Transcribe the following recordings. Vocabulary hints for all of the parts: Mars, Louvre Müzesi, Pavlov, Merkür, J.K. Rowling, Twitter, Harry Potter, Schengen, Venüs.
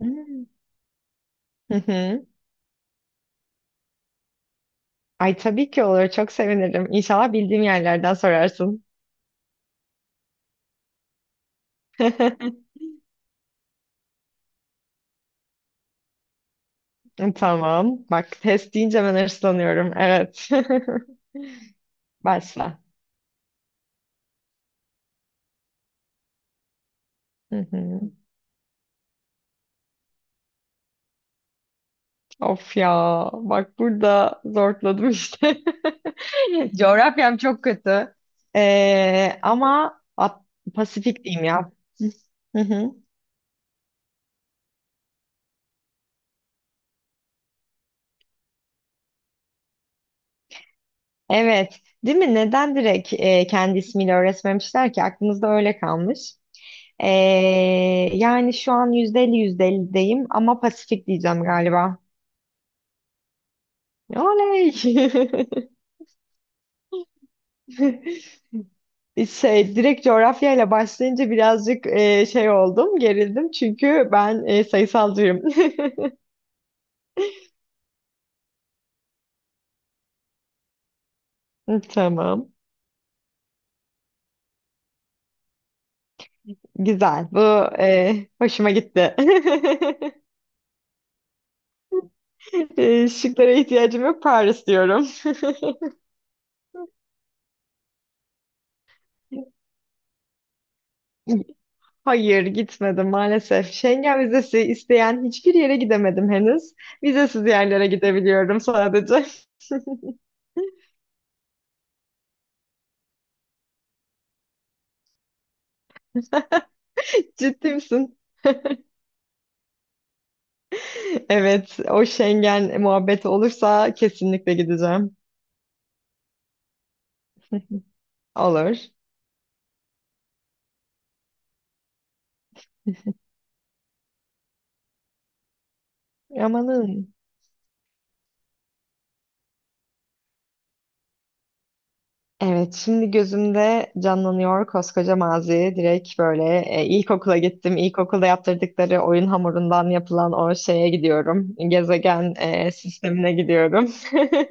Hmm. Hı hı. Ay tabii ki olur. Çok sevinirim. İnşallah bildiğim yerlerden sorarsın. Tamam. Bak test deyince ben hırslanıyorum. Evet. Başla. Hı hı. Of ya. Bak burada zorladım işte. Coğrafyam çok kötü. Ama Pasifik diyeyim ya. Hı hı. Evet. Değil mi? Neden direkt kendi ismiyle öğretmemişler ki? Aklımızda öyle kalmış. Ee, yani şu an %50 %50'deyim ama Pasifik diyeceğim galiba. Oley! Şey, direkt coğrafyayla başlayınca birazcık şey oldum, gerildim çünkü ben sayısalcıyım. Hı, Tamam. Güzel. Bu hoşuma gitti. Şıklara ihtiyacım yok. Paris diyorum. Hayır gitmedim maalesef. Schengen vizesi isteyen hiçbir yere gidemedim henüz. Vizesiz yerlere gidebiliyorum sadece. Ciddi misin? Evet, o Schengen muhabbeti olursa kesinlikle gideceğim. Olur. Amanın. Evet, şimdi gözümde canlanıyor koskoca mazi. Direkt böyle ilkokula gittim. İlkokulda yaptırdıkları oyun hamurundan yapılan o şeye gidiyorum. Gezegen sistemine gidiyorum.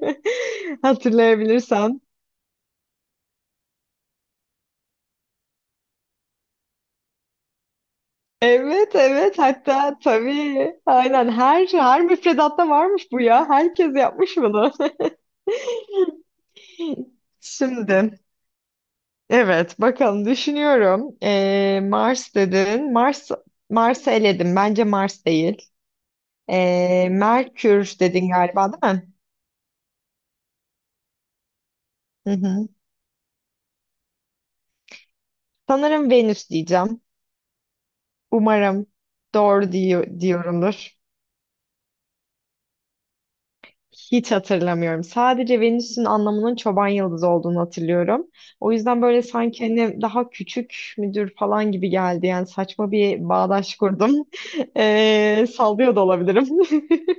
Hatırlayabilirsem. Evet, evet. Hatta tabii. Aynen her müfredatta varmış bu ya. Herkes yapmış bunu. Şimdi. Evet, bakalım düşünüyorum. Mars dedin. Mars'ı eledim. Bence Mars değil. Merkür dedin galiba, değil mi? Hı hı. Sanırım Venüs diyeceğim. Umarım doğru diyorumdur. Hiç hatırlamıyorum. Sadece Venüs'ün anlamının çoban yıldızı olduğunu hatırlıyorum. O yüzden böyle sanki hani daha küçük müdür falan gibi geldi. Yani saçma bir bağdaş kurdum. Sallıyor da olabilirim.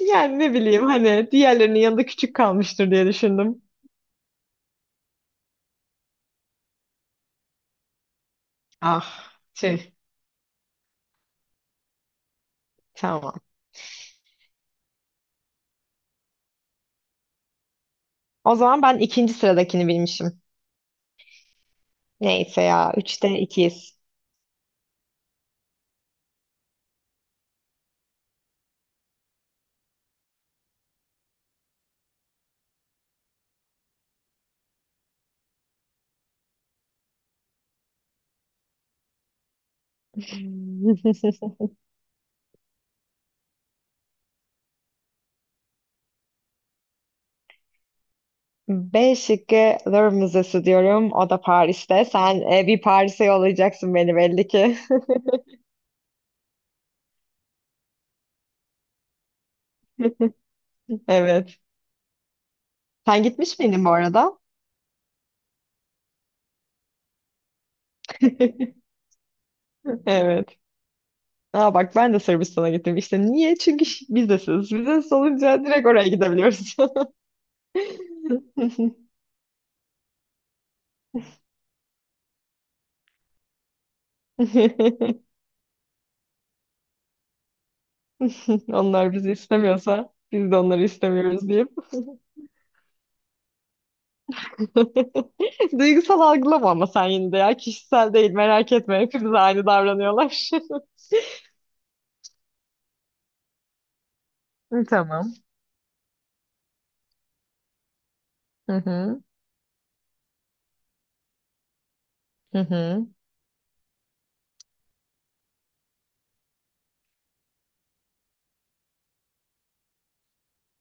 Yani ne bileyim hani diğerlerinin yanında küçük kalmıştır diye düşündüm. Ah, tüh. Tamam. O zaman ben ikinci sıradakini bilmişim. Neyse ya. Üçte ikiyiz. B şıkkı Louvre Müzesi diyorum. O da Paris'te. Sen bir Paris'e yollayacaksın beni belli ki. Evet. Sen gitmiş miydin bu arada? Evet. Aa bak ben de Sırbistan'a gittim. İşte niye? Çünkü vizesiz. Vizesiz olunca direkt oraya gidebiliyoruz. Onlar bizi istemiyorsa biz de onları istemiyoruz diyeyim. Duygusal algılama ama sen yine de ya. Kişisel değil merak etme. Hepimiz aynı davranıyorlar. Hı, Tamam. Hı hı. Hı hı.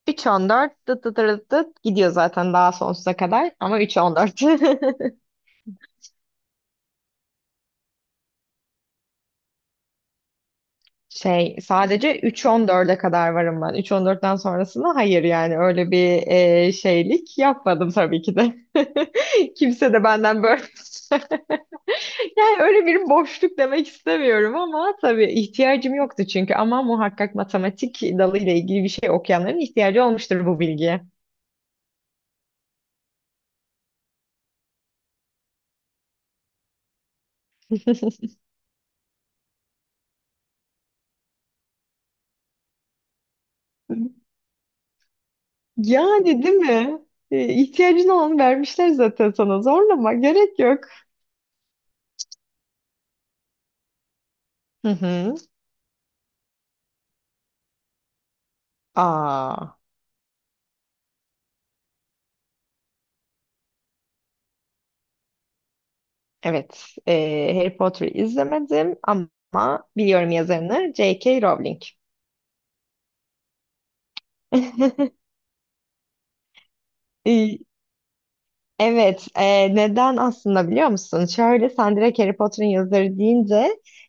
3,14 dıt dıt dıt dıt gidiyor zaten daha sonsuza kadar ama 3,14. Şey sadece 3,14'e kadar varım ben. 3,14'ten sonrasında hayır yani öyle bir şeylik yapmadım tabii ki de. Kimse de benden böyle Yani öyle bir boşluk demek istemiyorum ama tabii ihtiyacım yoktu çünkü ama muhakkak matematik dalıyla ilgili bir şey okuyanların ihtiyacı olmuştur bu bilgiye. Yani değil mi? İhtiyacın olanı vermişler zaten sana. Zorlama gerek yok. Hı hı. Aa, evet. Harry Potter'ı izlemedim ama biliyorum yazarını J.K. Rowling. E, Evet, neden aslında biliyor musun? Şöyle sen direkt Harry Potter'ın yazarı deyince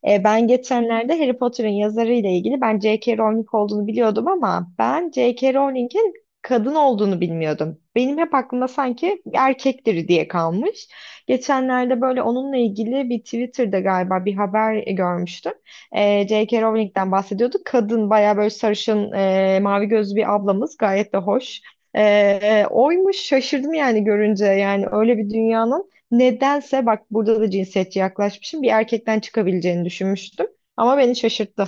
ben geçenlerde Harry Potter'ın yazarı ile ilgili ben J.K. Rowling olduğunu biliyordum ama ben J.K. Rowling'in kadın olduğunu bilmiyordum. Benim hep aklımda sanki erkektir diye kalmış. Geçenlerde böyle onunla ilgili bir Twitter'da galiba bir haber görmüştüm. J.K. Rowling'den bahsediyordu. Kadın bayağı böyle sarışın, mavi gözlü bir ablamız gayet de hoş. Oymuş şaşırdım yani görünce yani öyle bir dünyanın nedense bak burada da cinsiyetçi yaklaşmışım bir erkekten çıkabileceğini düşünmüştüm ama beni şaşırttı.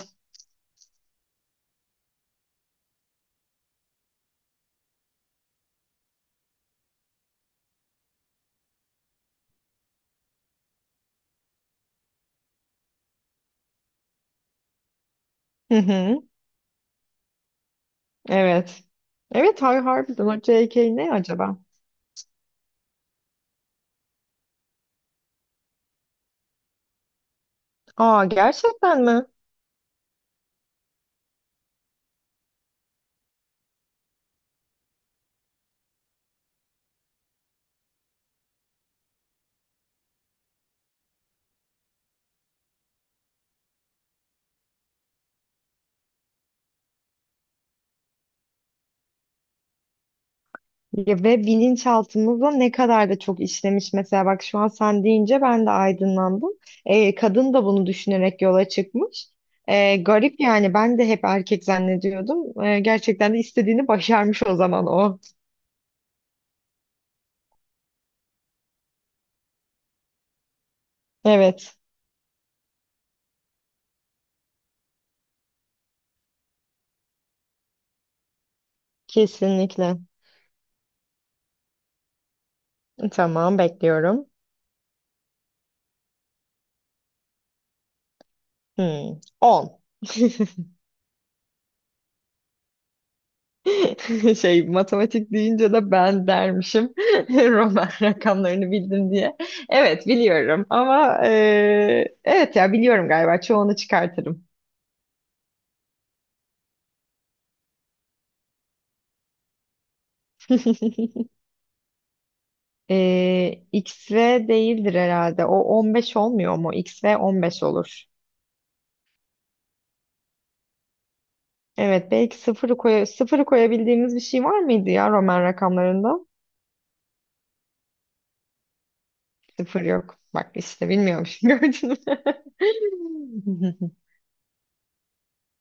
Hı hı, evet. Evet harbiden o J.K. ne acaba? Aa gerçekten mi? Ya ve bilinçaltımızda ne kadar da çok işlemiş mesela bak şu an sen deyince ben de aydınlandım. Kadın da bunu düşünerek yola çıkmış. Garip yani ben de hep erkek zannediyordum. Gerçekten de istediğini başarmış o zaman o. Evet, kesinlikle. Tamam bekliyorum. Hmm, 10. Şey matematik deyince de ben dermişim Roman rakamlarını bildim diye. Evet biliyorum ama evet ya biliyorum galiba çoğunu çıkartırım. 15 değildir herhalde. O 15 olmuyor mu? X XV 15 olur. Evet belki sıfırı koyabildiğimiz bir şey var mıydı ya Roman rakamlarında? Sıfır yok. Bak işte bilmiyormuşum gördün mü?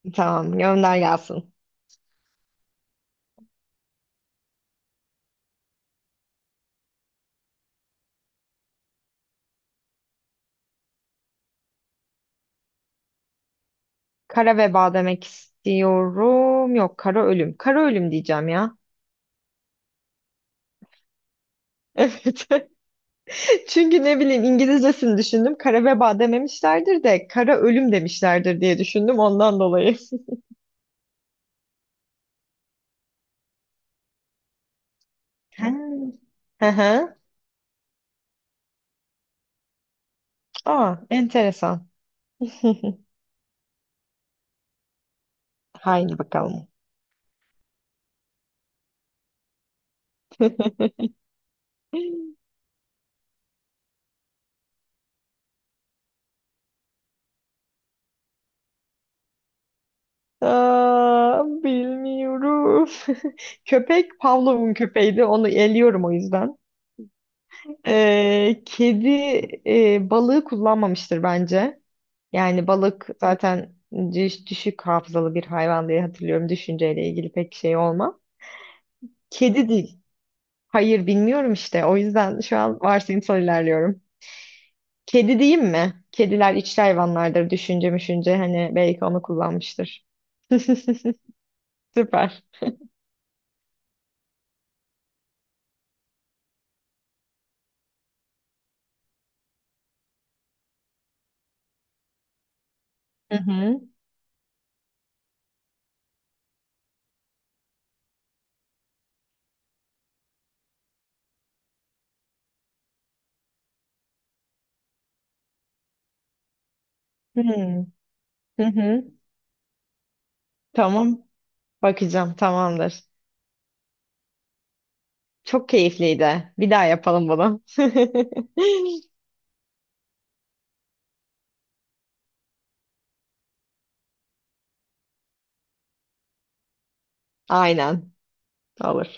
Tamam gönder gelsin. Kara veba demek istiyorum. Yok kara ölüm. Kara ölüm diyeceğim ya. Evet. Çünkü ne bileyim İngilizcesini düşündüm. Kara veba dememişlerdir de kara ölüm demişlerdir diye düşündüm ondan dolayı. Ha. Hı hı. Aa, enteresan. Haydi bakalım. Aa, bilmiyorum. Köpek Pavlov'un köpeğiydi. Onu eliyorum o yüzden. Kedi balığı kullanmamıştır bence. Yani balık zaten düşük hafızalı bir hayvan diye hatırlıyorum. Düşünceyle ilgili pek şey olmam. Kedi değil. Hayır bilmiyorum işte. O yüzden şu an varsayımsal ilerliyorum. Kedi diyeyim mi? Kediler içli hayvanlardır. Düşünce müşünce hani belki onu kullanmıştır. Süper. Hı hı. Hmm. Hı hı. Tamam. Bakacağım. Tamamdır. Çok keyifliydi. Bir daha yapalım bunu. Aynen. Olur.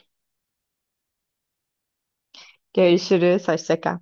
Görüşürüz. Hoşça kal.